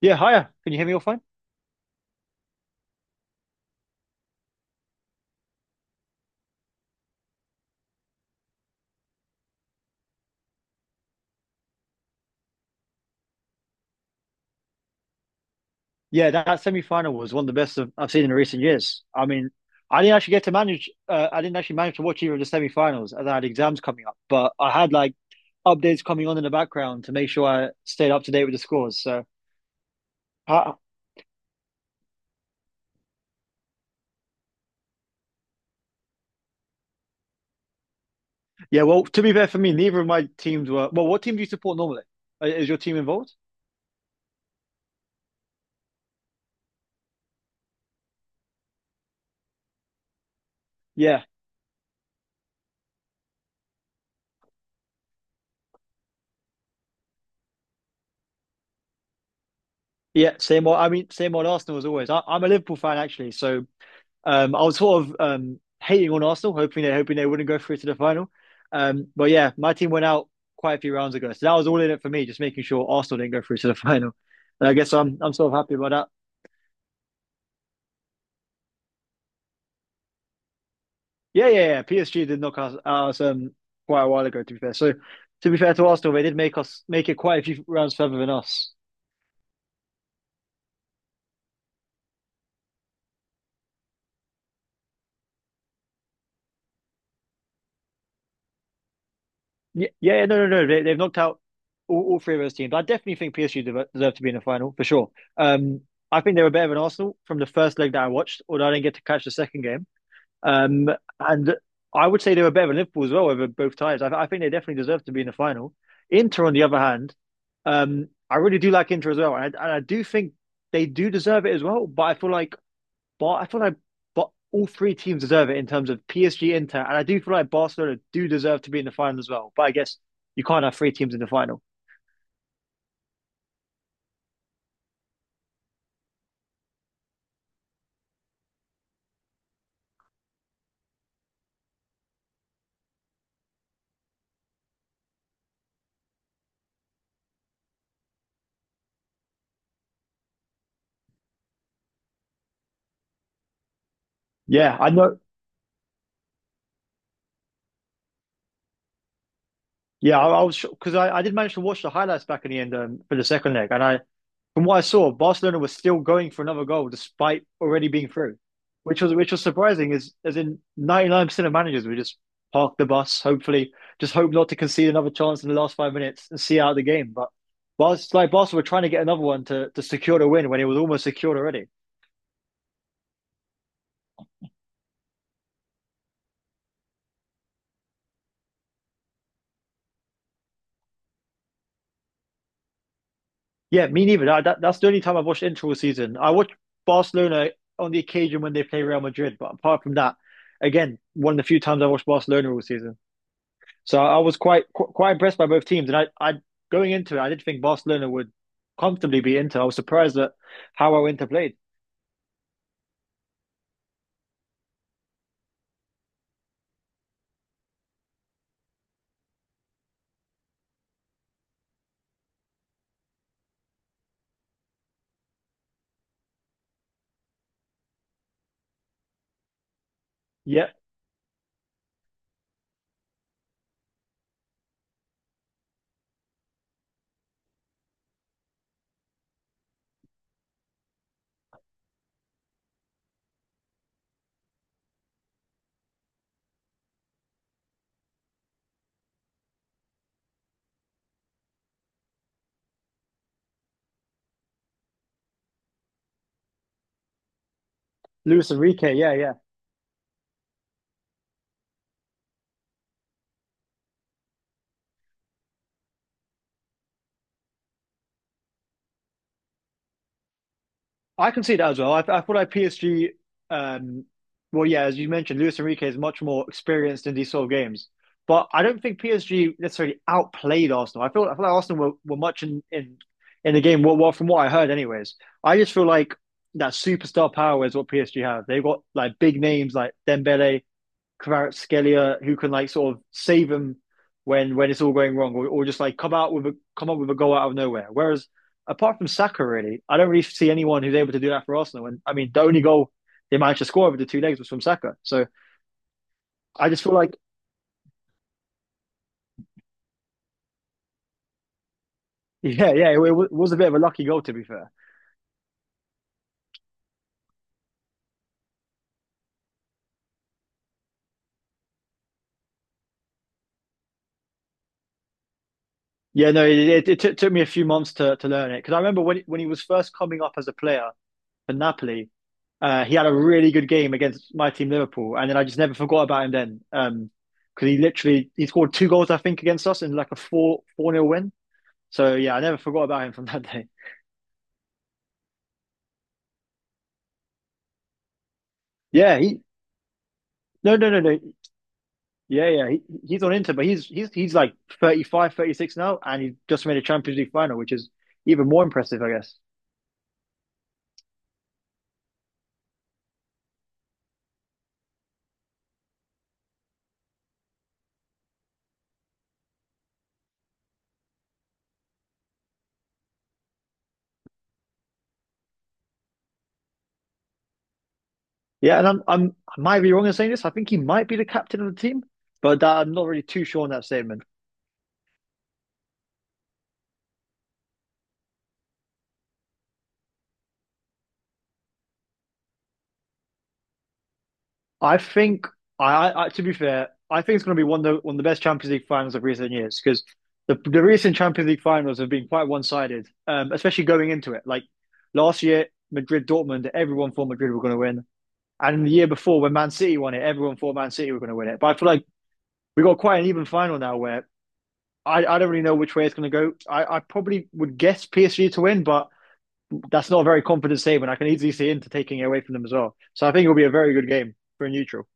Yeah, hiya. Can you hear me all fine? Yeah, that semi-final was one of the best I've seen in recent years. I mean, I didn't actually get to manage. I didn't actually manage to watch either of the semi-finals, as I had exams coming up. But I had like updates coming on in the background to make sure I stayed up to date with the scores. So, uh, yeah. Well, to be fair for me, neither of my teams were. Well, what team do you support normally? Is your team involved? Yeah, yeah. Same old. I mean, same old Arsenal as always. I'm a Liverpool fan actually, so, I was sort of hating on Arsenal, hoping they wouldn't go through to the final. But yeah, my team went out quite a few rounds ago, so that was all in it for me, just making sure Arsenal didn't go through to the final. And I guess I'm sort of happy about that. Yeah, yeah, yeah. PSG did knock us out quite a while ago, to be fair. So to be fair to Arsenal, they did make it quite a few rounds further than us. Yeah, yeah, yeah, no, no, no. They've knocked out all three of those teams. I definitely think PSG deserve to be in the final for sure. Um, I think they were better than Arsenal from the first leg that I watched, although I didn't get to catch the second game. Um, and I would say they were better than Liverpool as well over both ties. I think they definitely deserve to be in the final. Inter, on the other hand, I really do like Inter as well, and I do think they do deserve it as well. But I feel like, but I feel like, But all three teams deserve it in terms of PSG, Inter, and I do feel like Barcelona do deserve to be in the final as well. But I guess you can't have three teams in the final. Yeah, I know. Yeah, I was because I did manage to watch the highlights back in the end for the second leg, and I from what I saw, Barcelona was still going for another goal despite already being through, which was surprising. Is as in 99% of managers would just park the bus, hopefully, just hope not to concede another chance in the last 5 minutes and see out the game. But Barcelona were trying to get another one to secure the win when it was almost secured already. Yeah, me neither. That's the only time I've watched Inter all season. I watch Barcelona on the occasion when they play Real Madrid, but apart from that, again, one of the few times I watched Barcelona all season. So I was quite impressed by both teams, and I going into it, I did think Barcelona would comfortably be Inter. I was surprised at how well Inter played. Yeah, Luis Enrique. Yeah, yeah, I can see that as well. I thought I PSG. Um, well, yeah, as you mentioned, Luis Enrique is much more experienced in these sort of games, but I don't think PSG necessarily outplayed Arsenal. I feel like Arsenal were much in the game. Well, from what I heard, anyways, I just feel like that superstar power is what PSG have. They've got like big names like Dembele Kvaratskhelia who can like sort of save them when it's all going wrong, or just like come up with a goal out of nowhere. Whereas apart from Saka, really, I don't really see anyone who's able to do that for Arsenal. And I mean, the only goal they managed to score over the two legs was from Saka. So I just feel like, yeah, yeah, it was a bit of a lucky goal to be fair. Yeah, no, it took me a few months to learn it because I remember when he was first coming up as a player, for Napoli. He had a really good game against my team Liverpool, and then I just never forgot about him then 'cause because he literally he scored two goals I think against us in like a four nil win. So yeah, I never forgot about him from that day. Yeah, he no, no, no, no, yeah, yeah, he's on Inter, but he's like 35, 36 now, and he just made a Champions League final, which is even more impressive, I guess. Yeah, and I might be wrong in saying this. I think he might be the captain of the team, but that, I'm not really too sure on that statement. I think I to be fair, I think it's going to be one of the best Champions League finals of recent years because the recent Champions League finals have been quite one-sided, especially going into it. Like last year, Madrid Dortmund, everyone thought Madrid were going to win, and the year before when Man City won it, everyone thought Man City were going to win it. But I feel like we got quite an even final now where. I don't really know which way it's going to go. I probably would guess PSG to win, but that's not a very confident statement. I can easily see Inter taking it away from them as well. So I think it'll be a very good game for a neutral.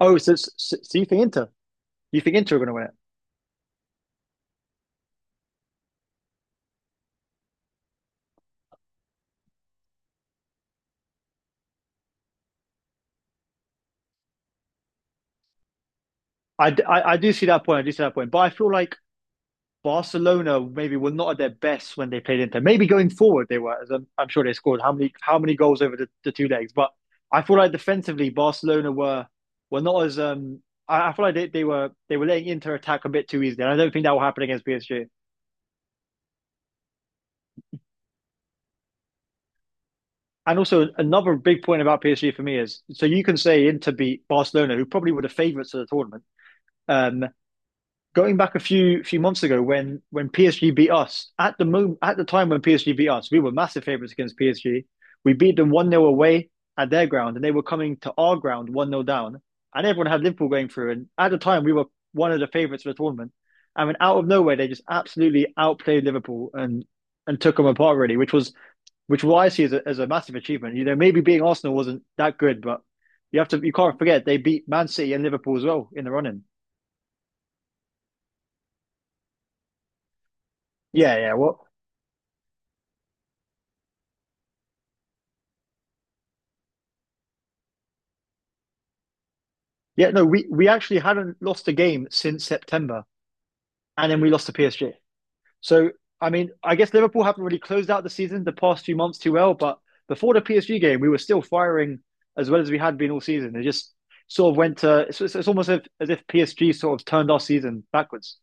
Oh, so you think Inter? You think Inter are going to win it? I do see that point. I do see that point. But I feel like Barcelona maybe were not at their best when they played Inter. Maybe going forward they were, as I'm sure they scored how many goals over the two legs. But I feel like defensively Barcelona were not as. I feel like they were letting Inter attack a bit too easily. And I don't think that will happen against PSG. And also another big point about PSG for me is so you can say Inter beat Barcelona, who probably were the favourites of the tournament. Um, Going back a few months ago when PSG beat us at the moment at the time when PSG beat us, we were massive favourites against PSG. We beat them one nil away at their ground, and they were coming to our ground one nil down, and everyone had Liverpool going through. And at the time, we were one of the favourites for the tournament. I mean, out of nowhere, they just absolutely outplayed Liverpool and took them apart really, which what I see as a massive achievement. You know, maybe being Arsenal wasn't that good, but you have to you can't forget they beat Man City and Liverpool as well in the running. Yeah, yeah. Well. Yeah, no, we actually hadn't lost a game since September, and then we lost to PSG. So, I mean, I guess Liverpool haven't really closed out the season the past few months too well, but before the PSG game, we were still firing as well as we had been all season. It just sort of went to, it's almost as if PSG sort of turned our season backwards.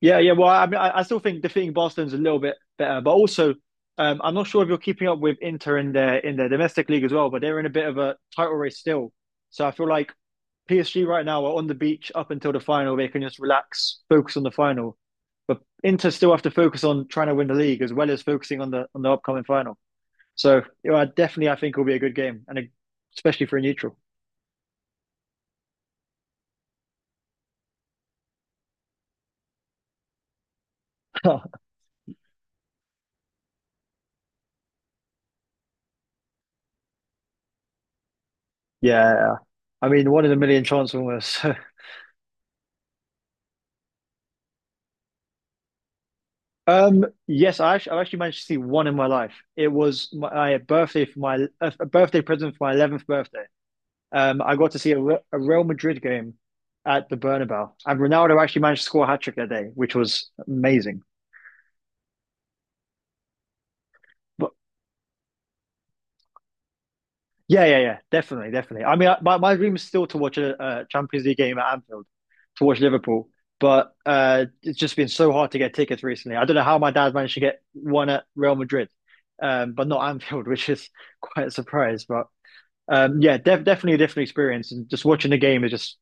Yeah, yeah. Well, I mean, I still think defeating Barcelona's a little bit better, but also, I'm not sure if you're keeping up with Inter in their domestic league as well, but they're in a bit of a title race still. So I feel like PSG right now are on the beach up until the final. They can just relax, focus on the final. But Inter still have to focus on trying to win the league as well as focusing on the upcoming final. So I definitely, I think it'll be a good game, and especially for a neutral. Yeah, I mean, one in a million chance almost. Yes, I actually managed to see one in my life. It was my birthday for my a birthday present for my eleventh birthday. I got to see a Real Madrid game at the Bernabeu, and Ronaldo actually managed to score a hat trick that day, which was amazing. But yeah, yeah, yeah, definitely, definitely. I mean, I, my dream is still to watch a Champions League game at Anfield to watch Liverpool, but it's just been so hard to get tickets recently. I don't know how my dad managed to get one at Real Madrid, but not Anfield, which is quite a surprise. But yeah, definitely a different experience, and just watching the game is just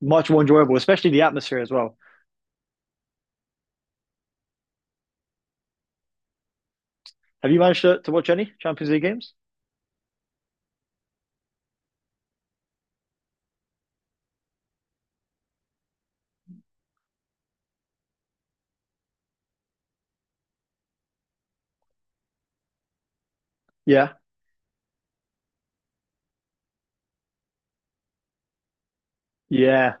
much more enjoyable, especially the atmosphere as well. Have you managed to watch any Champions League games? Yeah, yeah,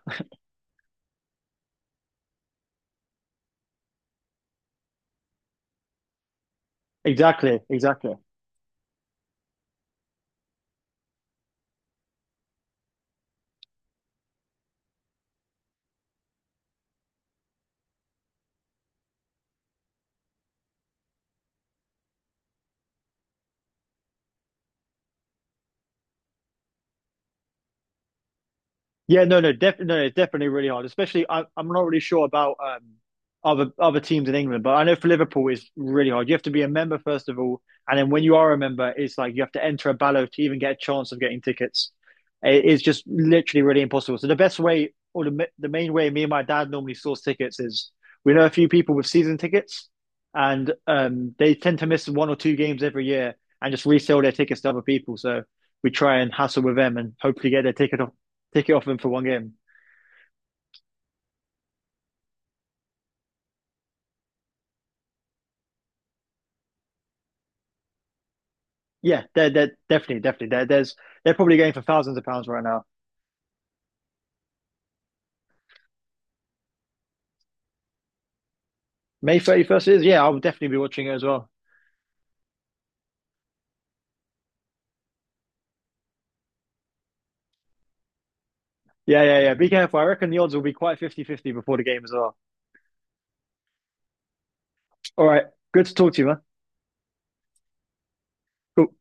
exactly, exactly. Yeah, no, no, definitely, no, it's definitely really hard. Especially, I'm not really sure about other teams in England. But I know for Liverpool, it's really hard. You have to be a member first of all, and then when you are a member, it's like you have to enter a ballot to even get a chance of getting tickets. It is just literally really impossible. So the best way, or the main way, me and my dad normally source tickets is we know a few people with season tickets, and they tend to miss one or two games every year and just resell their tickets to other people. So we try and hassle with them and hopefully get their ticket off them for one game. Yeah, they're definitely there. There's They're probably going for thousands of pounds right now. May 31st is Yeah, I'll definitely be watching it as well. Yeah, yeah, yeah. Be careful. I reckon the odds will be quite 50-50 before the game as well. All right, good to talk to you, man. Cool.